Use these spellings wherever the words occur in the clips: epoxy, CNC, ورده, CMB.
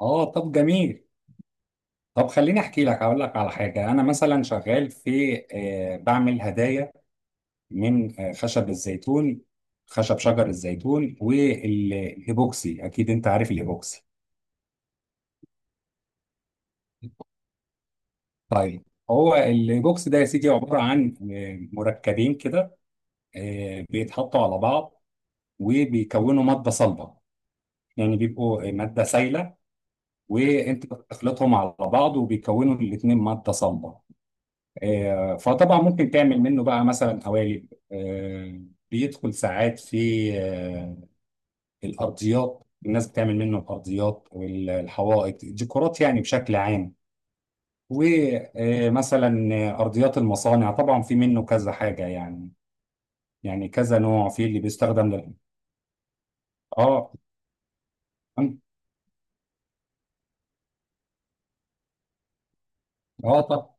اه، طب جميل. طب خليني احكي لك اقول لك على حاجه. انا مثلا شغال في بعمل هدايا من خشب الزيتون، خشب شجر الزيتون. والهيبوكسي اكيد انت عارف الهيبوكسي. طيب، هو الهيبوكسي ده يا سيدي عباره عن مركبين كده. بيتحطوا على بعض وبيكونوا ماده صلبه، يعني بيبقوا ماده سايله، وانت بتخلطهم على بعض وبيكونوا الاثنين ماده صلبه. فطبعا ممكن تعمل منه بقى مثلا قوالب. بيدخل ساعات في الارضيات. الناس بتعمل منه الارضيات والحوائط، ديكورات يعني بشكل عام. ومثلا ارضيات المصانع، طبعا في منه كذا حاجه يعني، يعني كذا نوع في اللي بيستخدم اه اه طب.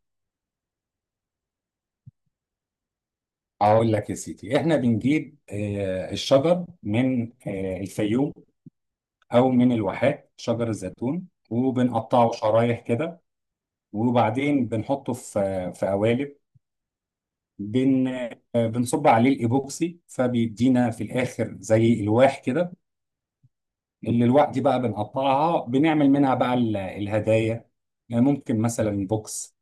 اقول لك يا سيدي احنا بنجيب الشجر من الفيوم او من الواحات، شجر الزيتون، وبنقطعه شرايح كده. وبعدين بنحطه في قوالب. بن بنصب عليه الايبوكسي فبيدينا في الاخر زي الواح كده. الالواح دي بقى بنقطعها، بنعمل منها بقى الهدايا. يعني ممكن مثلا بوكس،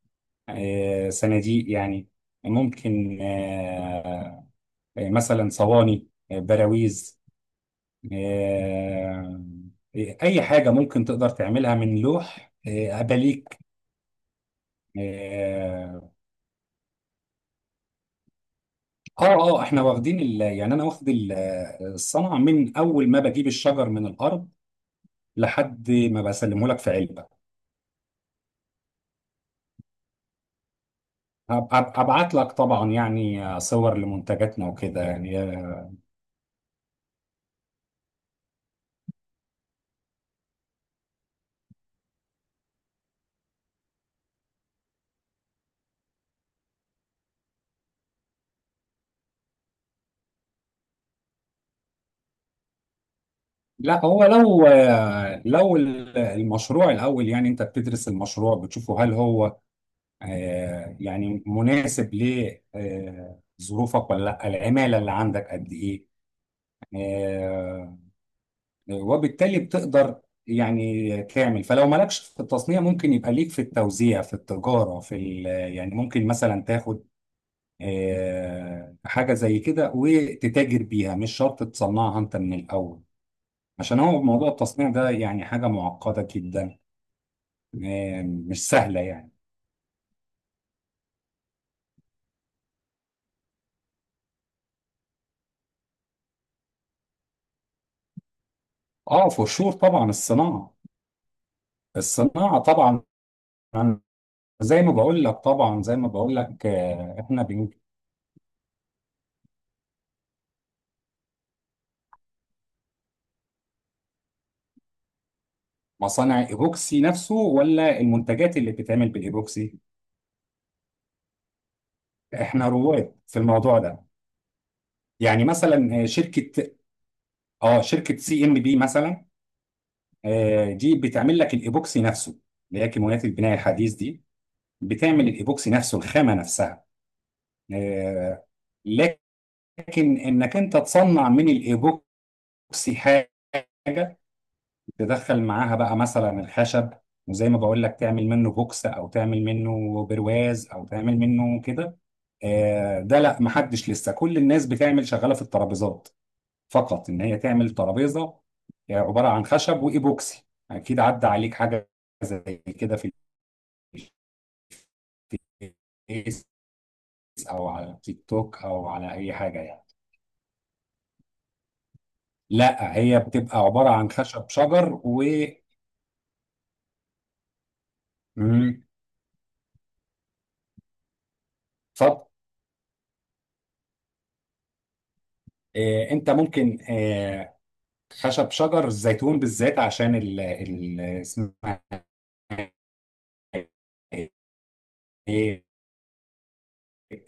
صناديق يعني، ممكن مثلا صواني، براويز، آه، اي حاجه ممكن تقدر تعملها من لوح، اباليك. آه، اه اه احنا واخدين يعني انا واخد الصنعه من اول ما بجيب الشجر من الارض لحد ما بسلمه لك في علبه. هبعت لك طبعا يعني صور لمنتجاتنا وكده يعني. لا، هو لو المشروع الاول يعني انت بتدرس المشروع، بتشوفه هل هو يعني مناسب لظروفك ولا لا، العماله اللي عندك قد ايه. آه، وبالتالي بتقدر يعني تعمل. فلو مالكش في التصنيع، ممكن يبقى ليك في التوزيع، في التجارة، يعني ممكن مثلا تاخد حاجة زي كده وتتاجر بيها، مش شرط تصنعها انت من الأول. عشان هو موضوع التصنيع ده يعني حاجة معقدة جدا، مش سهلة يعني. اه، فشور طبعا الصناعة. الصناعة طبعا. زي ما بقول لك طبعا، زي ما بقول لك، احنا مصانع ايبوكسي نفسه ولا المنتجات اللي بتتعمل بالايبوكسي؟ احنا رواد في الموضوع ده. يعني مثلا شركه سي ام بي مثلا، دي بتعمل لك الايبوكسي نفسه، اللي هي كيماويات البناء الحديث دي. بتعمل الايبوكسي نفسه، الخامه نفسها. آه، لكن انك انت تصنع من الايبوكسي حاجه تدخل معاها بقى مثلا الخشب، وزي ما بقول لك تعمل منه بوكس او تعمل منه برواز او تعمل منه كده، ده لا محدش لسه. كل الناس بتعمل شغاله في الترابيزات فقط، ان هي تعمل ترابيزه عباره عن خشب وايبوكسي. اكيد عدى عليك حاجه زي كده في الفيس او على تيك توك او على اي حاجه يعني. لا، هي بتبقى عباره عن خشب شجر و مم. اتفضل. انت ممكن خشب شجر الزيتون بالذات، عشان ال اسمها ايه،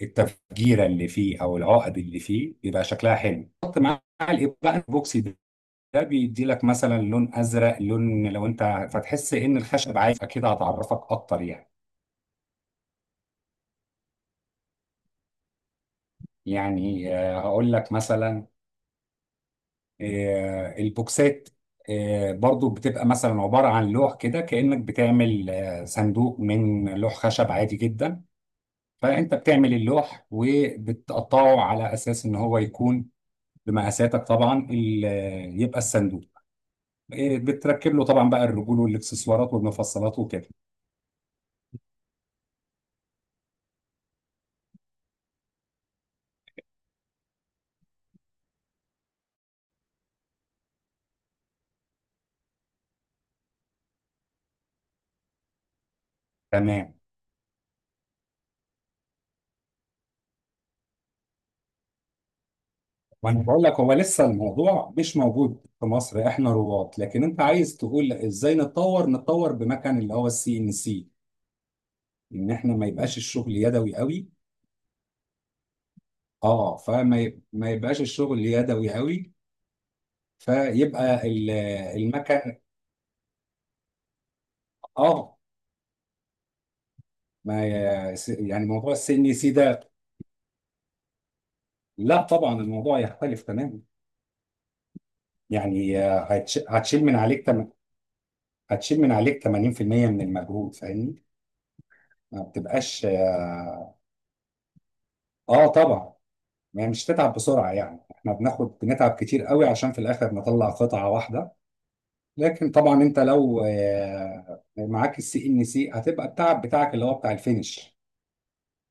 التفجيره اللي فيه او العقد اللي فيه بيبقى شكلها حلو حط مع الايبوكسي. ده بيدي لك مثلا لون ازرق، لون، لو انت فتحس ان الخشب عايز، اكيد هتعرفك اكتر يعني. يعني هقول لك مثلا البوكسات برضو بتبقى مثلا عبارة عن لوح كده، كأنك بتعمل صندوق من لوح خشب عادي جدا. فانت بتعمل اللوح وبتقطعه على اساس ان هو يكون بمقاساتك طبعا، يبقى الصندوق. بتركب له طبعا بقى الرجول والاكسسوارات والمفصلات وكده. تمام. وانا بقول لك هو لسه الموضوع مش موجود في مصر، احنا رواد. لكن انت عايز تقول ازاي نتطور بمكان اللي هو السي ان سي، ان احنا ما يبقاش الشغل يدوي قوي. اه، ما يبقاش الشغل يدوي قوي. فيبقى المكان، اه. ما ي- س- يعني موضوع السي ان سي ده لا طبعا الموضوع يختلف تماما. يعني هتشيل من عليك 80% من المجهود، فاهمني؟ ما بتبقاش، اه، طبعا، ما هي مش تتعب بسرعة. يعني احنا بناخد، بنتعب كتير قوي عشان في الاخر نطلع قطعة واحدة. لكن طبعا انت لو معاك السي ان سي، هتبقى التعب بتاعك اللي هو بتاع الفينش.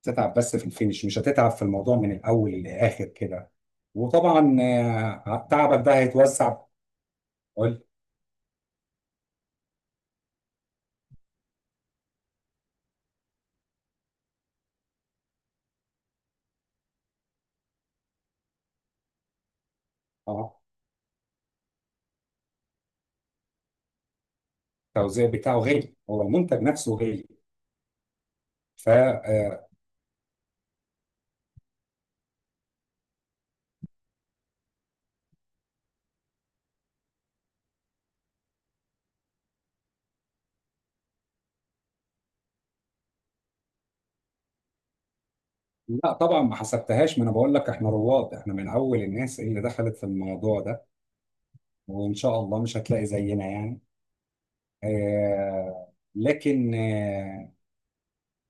تتعب بس في الفينش، مش هتتعب في الموضوع من الاول للاخر كده. وطبعا تعبك ده هيتوزع. قول. اه، التوزيع بتاعه غالي، هو المنتج نفسه غالي، ف آه، لا طبعا ما حسبتهاش. ما انا بقول لك احنا رواد، احنا من اول الناس اللي دخلت في الموضوع ده، وان شاء الله مش هتلاقي زينا يعني. لكن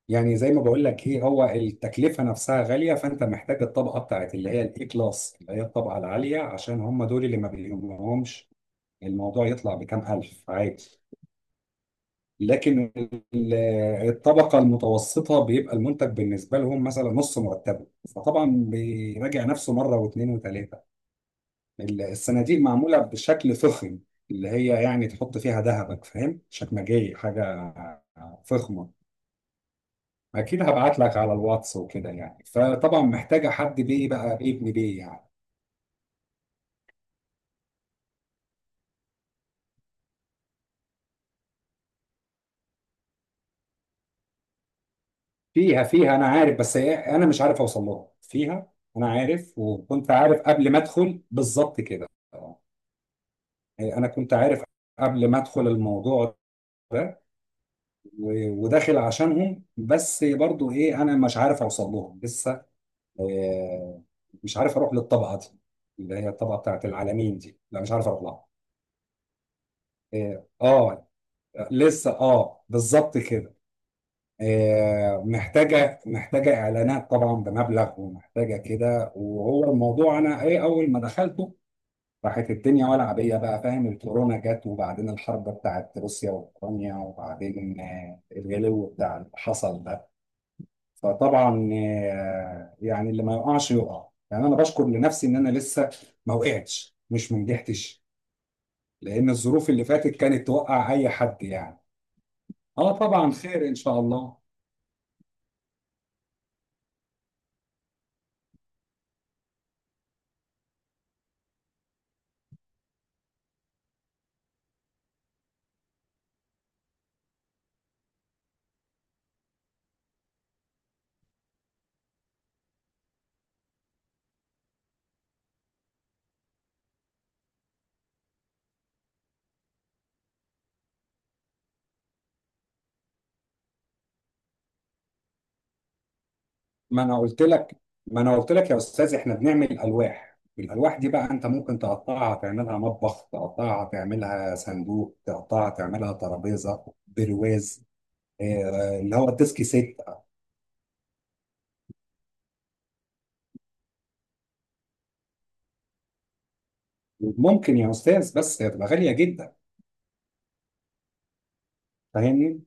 يعني زي ما بقول لك، هي هو التكلفه نفسها غاليه. فانت محتاج الطبقه بتاعت اللي هي الاي كلاس، اللي هي الطبقه العاليه، عشان هم دول اللي ما بيهمهمش الموضوع يطلع بكام الف عادي. لكن الطبقه المتوسطه بيبقى المنتج بالنسبه لهم مثلا نص مرتبه، فطبعا بيراجع نفسه مره واثنين وثلاثه. الصناديق معموله بشكل فخم، اللي هي يعني تحط فيها ذهبك، فاهم، شكمجيه حاجه فخمه. اكيد هبعت لك على الواتس وكده يعني. فطبعا محتاجه حد بيه بقى، ابن بيه يعني. فيها، انا عارف، بس انا مش عارف اوصل لها فيها. انا عارف وكنت عارف قبل ما ادخل بالظبط كده. آه. انا كنت عارف قبل ما ادخل الموضوع ده، وداخل عشانهم. بس برضو ايه، انا مش عارف اوصل لهم لسه. آه، مش عارف اروح للطبقه دي، اللي هي الطبقه بتاعت العالمين دي، لا مش عارف اروح لها. اه، لسه، اه، بالظبط كده. محتاجة إعلانات طبعا بمبلغ، ومحتاجة كده. وهو الموضوع أنا إيه أول ما دخلته، راحت الدنيا ولع بيا بقى، فاهم؟ الكورونا جت وبعدين الحرب بتاعت روسيا وأوكرانيا، وبعدين الغلو بتاع اللي حصل ده. فطبعا يعني اللي ما يقعش يقع يعني. أنا بشكر لنفسي إن أنا لسه ما وقعتش، مش ما نجحتش، لأن الظروف اللي فاتت كانت توقع أي حد يعني. أه، طبعا خير إن شاء الله. ما انا قلت لك ما انا قلت لك يا استاذ، احنا بنعمل الواح. الالواح دي بقى انت ممكن تقطعها تعملها مطبخ، تقطعها تعملها صندوق، تقطعها تعملها ترابيزه، برواز، اللي هو الديسك ست. ممكن يا استاذ، بس هتبقى غاليه جدا، فاهمني؟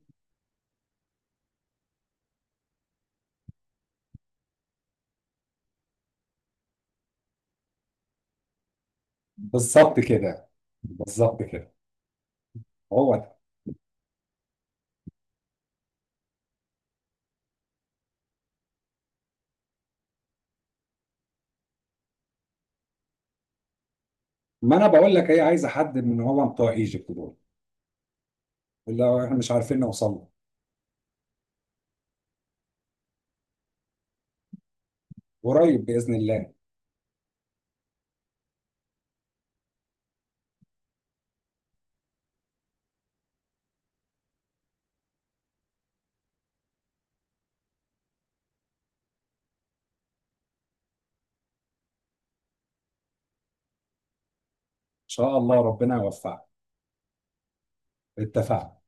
بالظبط كده، بالظبط كده. هو ده. ما انا بقول لك هي عايزه حد من هو بتوع ايجيبت دول، اللي هو احنا مش عارفين نوصل له. قريب باذن الله، ان شاء الله ربنا يوفقك. اتفقنا.